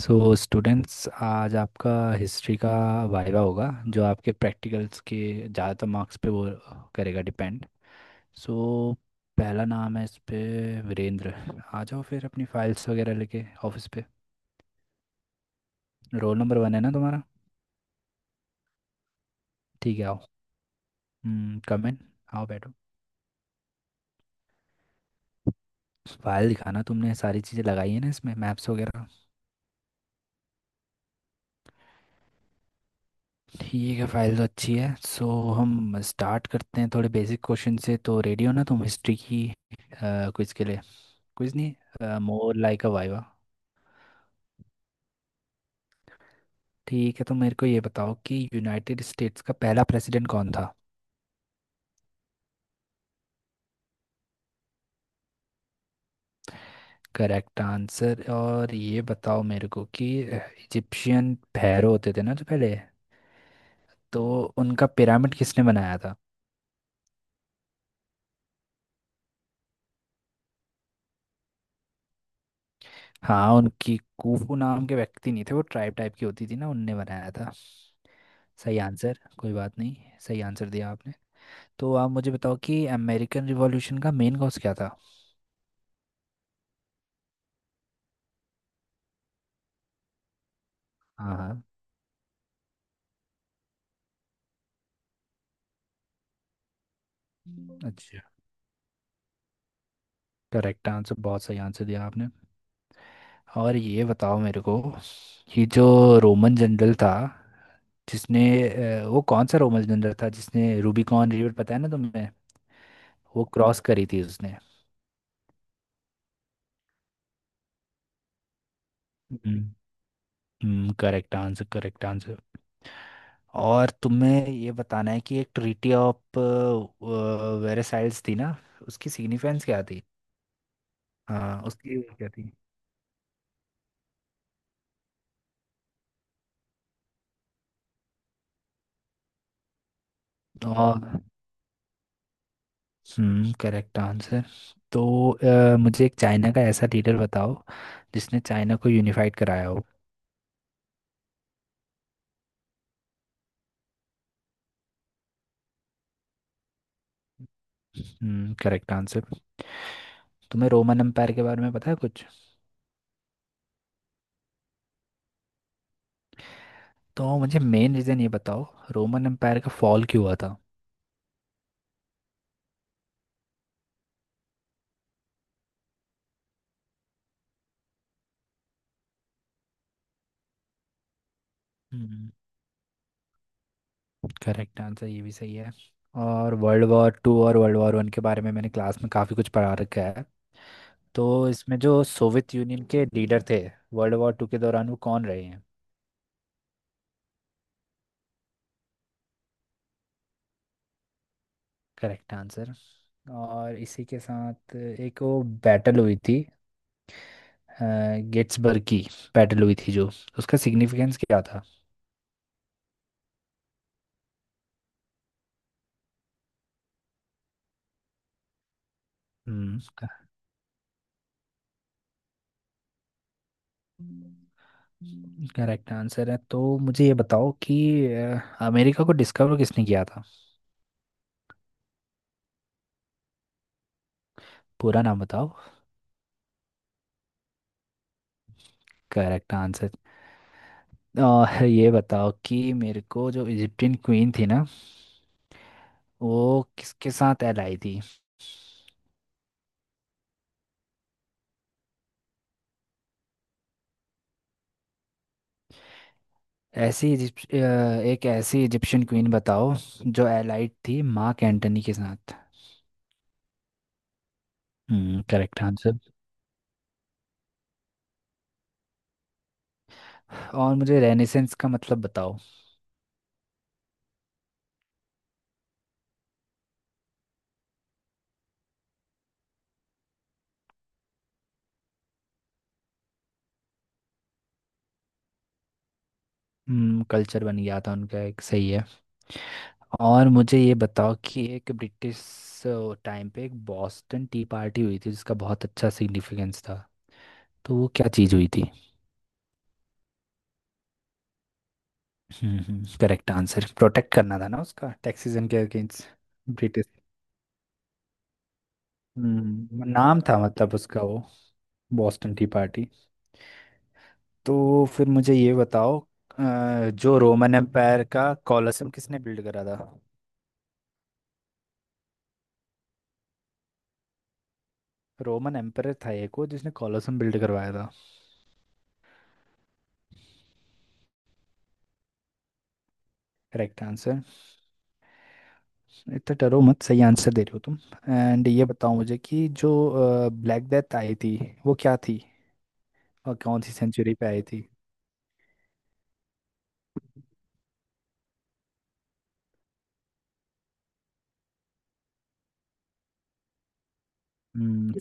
सो students, आज आपका history का वाइवा होगा, जो आपके प्रैक्टिकल्स के ज़्यादातर मार्क्स पे वो करेगा डिपेंड। सो, पहला नाम है इस पे वीरेंद्र। आ जाओ फिर अपनी फाइल्स वगैरह लेके ऑफिस पे। रोल नंबर वन है ना तुम्हारा? ठीक है, आओ। कम इन। आओ बैठो। फाइल दिखाना, तुमने सारी चीज़ें लगाई है ना इसमें मैप्स वगैरह? ठीक है, फाइल तो अच्छी है। सो हम स्टार्ट करते हैं थोड़े बेसिक क्वेश्चन से। तो रेडी हो ना तुम हिस्ट्री की क्विज के लिए? कुछ नहीं, मोर लाइक अ वाइवा। ठीक है, तो मेरे को ये बताओ कि यूनाइटेड स्टेट्स का पहला प्रेसिडेंट कौन था? Correct answer. और ये बताओ मेरे को कि इजिप्शियन pharaoh होते थे ना जो पहले, तो उनका पिरामिड किसने बनाया था? हाँ उनकी, कूफू नाम के व्यक्ति नहीं थे, वो ट्राइब टाइप की होती थी ना, उनने बनाया था। सही आंसर, कोई बात नहीं। सही आंसर दिया आपने। तो आप मुझे बताओ कि अमेरिकन रिवॉल्यूशन का मेन कॉज क्या था? हाँ, हाँ। अच्छा, करेक्ट आंसर। बहुत सही आंसर दिया आपने। और ये बताओ मेरे को कि जो रोमन जनरल था जिसने, वो कौन सा रोमन जनरल था जिसने रूबिकॉन रिवर, पता है ना तुम्हें? वो क्रॉस करी थी उसने। हम्म, करेक्ट आंसर, करेक्ट आंसर। और तुम्हें ये बताना है कि एक ट्रीटी ऑफ वेरेसाइल्स थी ना, उसकी सिग्निफिकेंस क्या थी? हाँ उसकी, वो क्या थी। हम्म, करेक्ट आंसर। तो मुझे एक चाइना का ऐसा लीडर बताओ जिसने चाइना को यूनिफाइड कराया हो। हम्म, करेक्ट आंसर। तुम्हें रोमन एम्पायर के बारे में पता है कुछ? तो मुझे मेन रीज़न ये बताओ, रोमन एम्पायर का फॉल क्यों हुआ था? हम्म, करेक्ट आंसर, ये भी सही है। और वर्ल्ड वॉर टू और वर्ल्ड वॉर वन के बारे में मैंने क्लास में काफ़ी कुछ पढ़ा रखा है। तो इसमें जो सोवियत यूनियन के लीडर थे वर्ल्ड वॉर टू के दौरान, वो कौन रहे हैं? Correct answer. और इसी के साथ एक वो बैटल हुई थी गेट्सबर्ग की, बैटल हुई थी जो, उसका सिग्निफिकेंस क्या था? हम्म, करेक्ट आंसर है। तो मुझे ये बताओ कि अ, अमेरिका को डिस्कवर किसने किया था? पूरा नाम बताओ। Correct answer. और ये बताओ कि मेरे को जो इजिप्टियन क्वीन थी ना, वो किसके साथ एलाई थी? ऐसी इजिप्ट अ, एक ऐसी इजिप्शियन क्वीन बताओ जो एलाइड थी मार्क एंटनी के साथ। हम्म, करेक्ट आंसर। और मुझे रेनेसेंस का मतलब बताओ। हम्म, कल्चर बन गया था उनका एक, सही है। और मुझे ये बताओ कि एक ब्रिटिश टाइम पे एक बॉस्टन टी पार्टी हुई थी जिसका बहुत अच्छा सिग्निफिकेंस था, तो वो क्या चीज़ हुई थी? हम्म, हम्म, करेक्ट आंसर। प्रोटेक्ट करना था ना उसका, टैक्सेशन के अगेंस्ट। ब्रिटिश। हम्म, नाम था मतलब उसका वो, बॉस्टन टी पार्टी। तो फिर मुझे ये बताओ, जो रोमन एम्पायर का कॉलोसम किसने बिल्ड करा था? रोमन एम्परर था एक वो जिसने कॉलोसम बिल्ड करवाया था। Correct answer. इतना डरो मत, सही आंसर दे रहे हो तुम। एंड ये बताओ मुझे कि जो ब्लैक डेथ आई थी, वो क्या थी? और कौन सी सेंचुरी पे आई थी?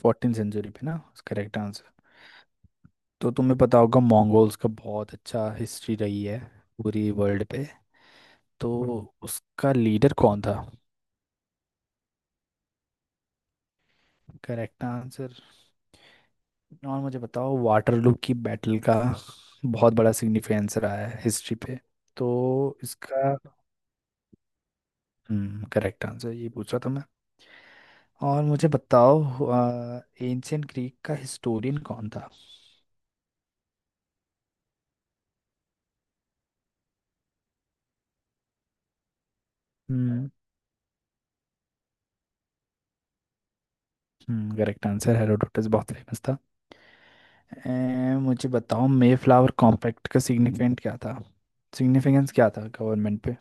फोर्टीन सेंचुरी पे ना? Correct answer. तो तुम्हें पता होगा मंगोल्स का बहुत अच्छा हिस्ट्री रही है पूरी वर्ल्ड पे, तो उसका लीडर कौन था? Correct answer. और मुझे बताओ वाटरलू की बैटल का बहुत बड़ा सिग्निफिकेंस रहा है हिस्ट्री पे, तो इसका। हम्म, करेक्ट आंसर, ये पूछ रहा था मैं। और मुझे बताओ एंशियंट ग्रीक का हिस्टोरियन कौन था? हम्म, हम्म, करेक्ट आंसर। हेरोडोटस बहुत फेमस था। मुझे बताओ मे फ्लावर कॉम्पैक्ट का सिग्निफिकेंट क्या था, सिग्निफिकेंस क्या था गवर्नमेंट पे?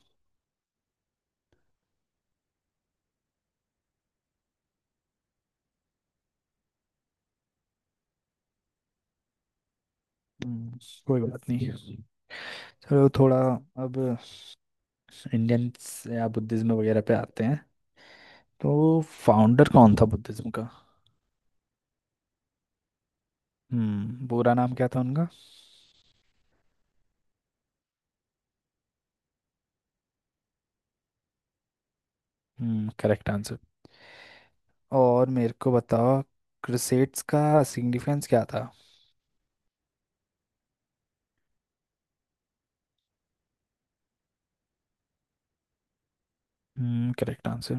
हम्म, कोई बात नहीं। चलो थोड़ा अब इंडियंस या बुद्धिज्म वगैरह पे आते हैं। तो फाउंडर कौन था बुद्धिज्म का? हम्म, पूरा नाम क्या था उनका? हम्म, करेक्ट आंसर। और मेरे को बताओ क्रुसेड्स का सिग्निफिकेंस क्या था? हम्म, करेक्ट आंसर।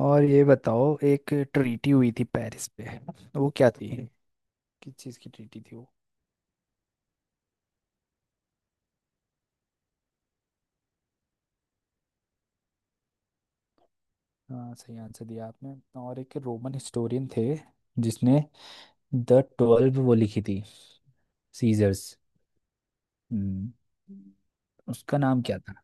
और ये बताओ, एक ट्रीटी हुई थी पेरिस पे, वो क्या थी? किस चीज़ की ट्रीटी थी वो? हाँ, सही आंसर दिया आपने। और एक रोमन हिस्टोरियन थे जिसने द ट्वेल्व वो लिखी थी। सीजर्स। हम्म, उसका नाम क्या था?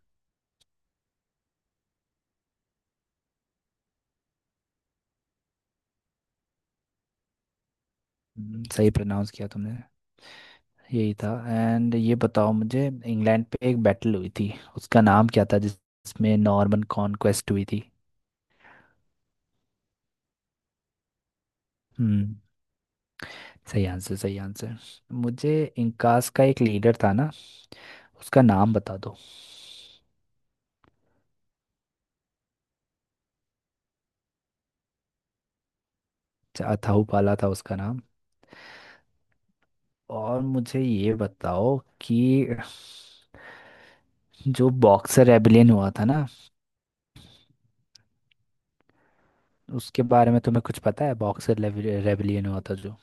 सही प्रोनाउंस किया तुमने, यही था। एंड ये बताओ मुझे, इंग्लैंड पे एक बैटल हुई थी, उसका नाम क्या था जिसमें नॉर्मन कॉन्क्वेस्ट हुई थी? हम्म, सही आंसर, सही आंसर। मुझे इंकास का एक लीडर था ना, उसका नाम बता दो। अच्छा, अथाहुपाला था उसका नाम। और मुझे ये बताओ कि जो बॉक्सर रेबिलियन हुआ था ना, उसके बारे में तुम्हें कुछ पता है, बॉक्सर रेबिलियन हुआ था जो?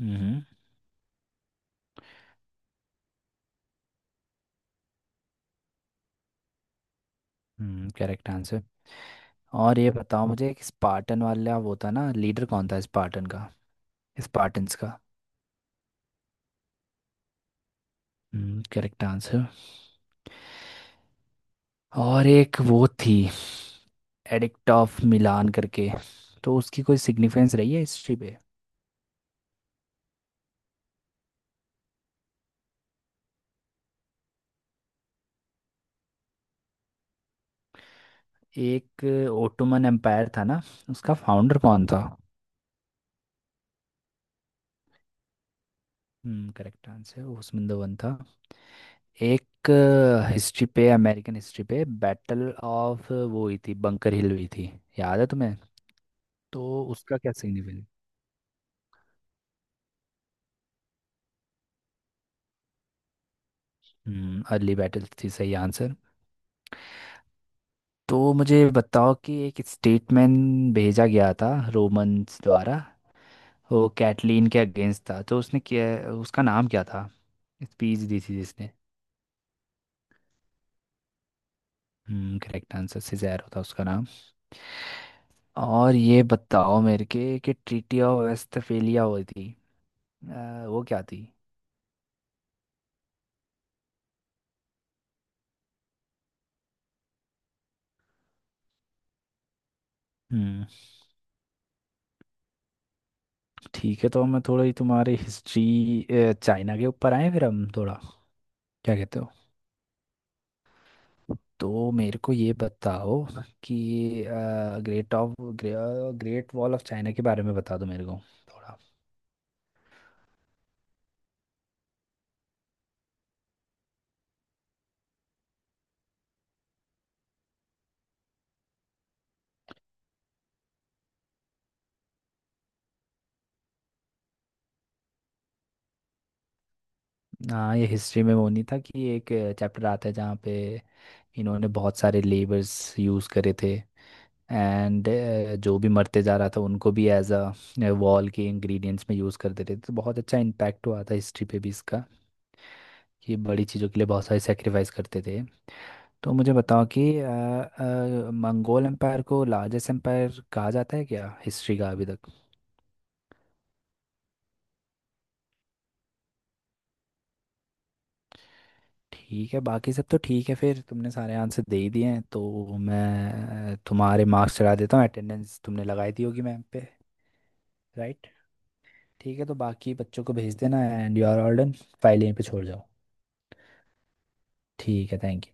हम्म, हम्म, करेक्ट आंसर। और ये बताओ मुझे कि स्पार्टन वाला वो था ना, लीडर कौन था स्पार्टन का, स्पार्टन्स का? Hmm, correct answer. और एक वो थी एडिक्ट ऑफ मिलान करके, तो उसकी कोई सिग्निफिकेंस रही है हिस्ट्री पे? एक ओटोमन एम्पायर था ना, उसका फाउंडर कौन था? हम्म, करेक्ट आंसर, ओस्मान वन था। एक हिस्ट्री पे, अमेरिकन हिस्ट्री पे, बैटल ऑफ वो हुई थी, बंकर हिल हुई थी, याद है तुम्हें? तो उसका क्या सिग्निफिकेंस? हम्म, अर्ली बैटल थी, सही आंसर। तो मुझे बताओ कि एक स्टेटमेंट भेजा गया था रोमन्स द्वारा, वो कैटलीन के अगेंस्ट था, तो उसने क्या, उसका नाम क्या था, स्पीच दी थी जिसने? हम्म, करेक्ट आंसर, सिज़ेरो था उसका नाम। और ये बताओ मेरे के कि ट्रीटी ऑफ वेस्टफेलिया हुई थी, वो क्या थी? हम्म, ठीक है। तो मैं थोड़ा ही तुम्हारी हिस्ट्री चाइना के ऊपर आए फिर हम थोड़ा, क्या कहते हो? तो मेरे को ये बताओ कि ग्रेट वॉल ऑफ चाइना के बारे में बता दो मेरे को थोड़ा। हाँ, ये हिस्ट्री में वो नहीं था कि एक चैप्टर आता है जहाँ पे इन्होंने बहुत सारे लेबर्स यूज़ करे थे, एंड जो भी मरते जा रहा था उनको भी एज अ वॉल के इंग्रेडिएंट्स में यूज़ करते थे। तो बहुत अच्छा इम्पैक्ट हुआ था हिस्ट्री पे भी इसका, कि बड़ी चीज़ों के लिए बहुत सारे सेक्रीफाइस करते थे। तो मुझे बताओ कि मंगोल एम्पायर को लार्जेस्ट एम्पायर कहा जाता है क्या हिस्ट्री का अभी तक? ठीक है, बाकी सब तो ठीक है। फिर तुमने सारे आंसर दे ही दिए हैं तो मैं तुम्हारे मार्क्स चढ़ा देता हूँ। अटेंडेंस तुमने लगाई दी होगी मैम पे? राइट। ठीक है, तो बाकी बच्चों को भेज देना, and you are all done. File यहीं पे छोड़ जाओ। ठीक है, थैंक यू।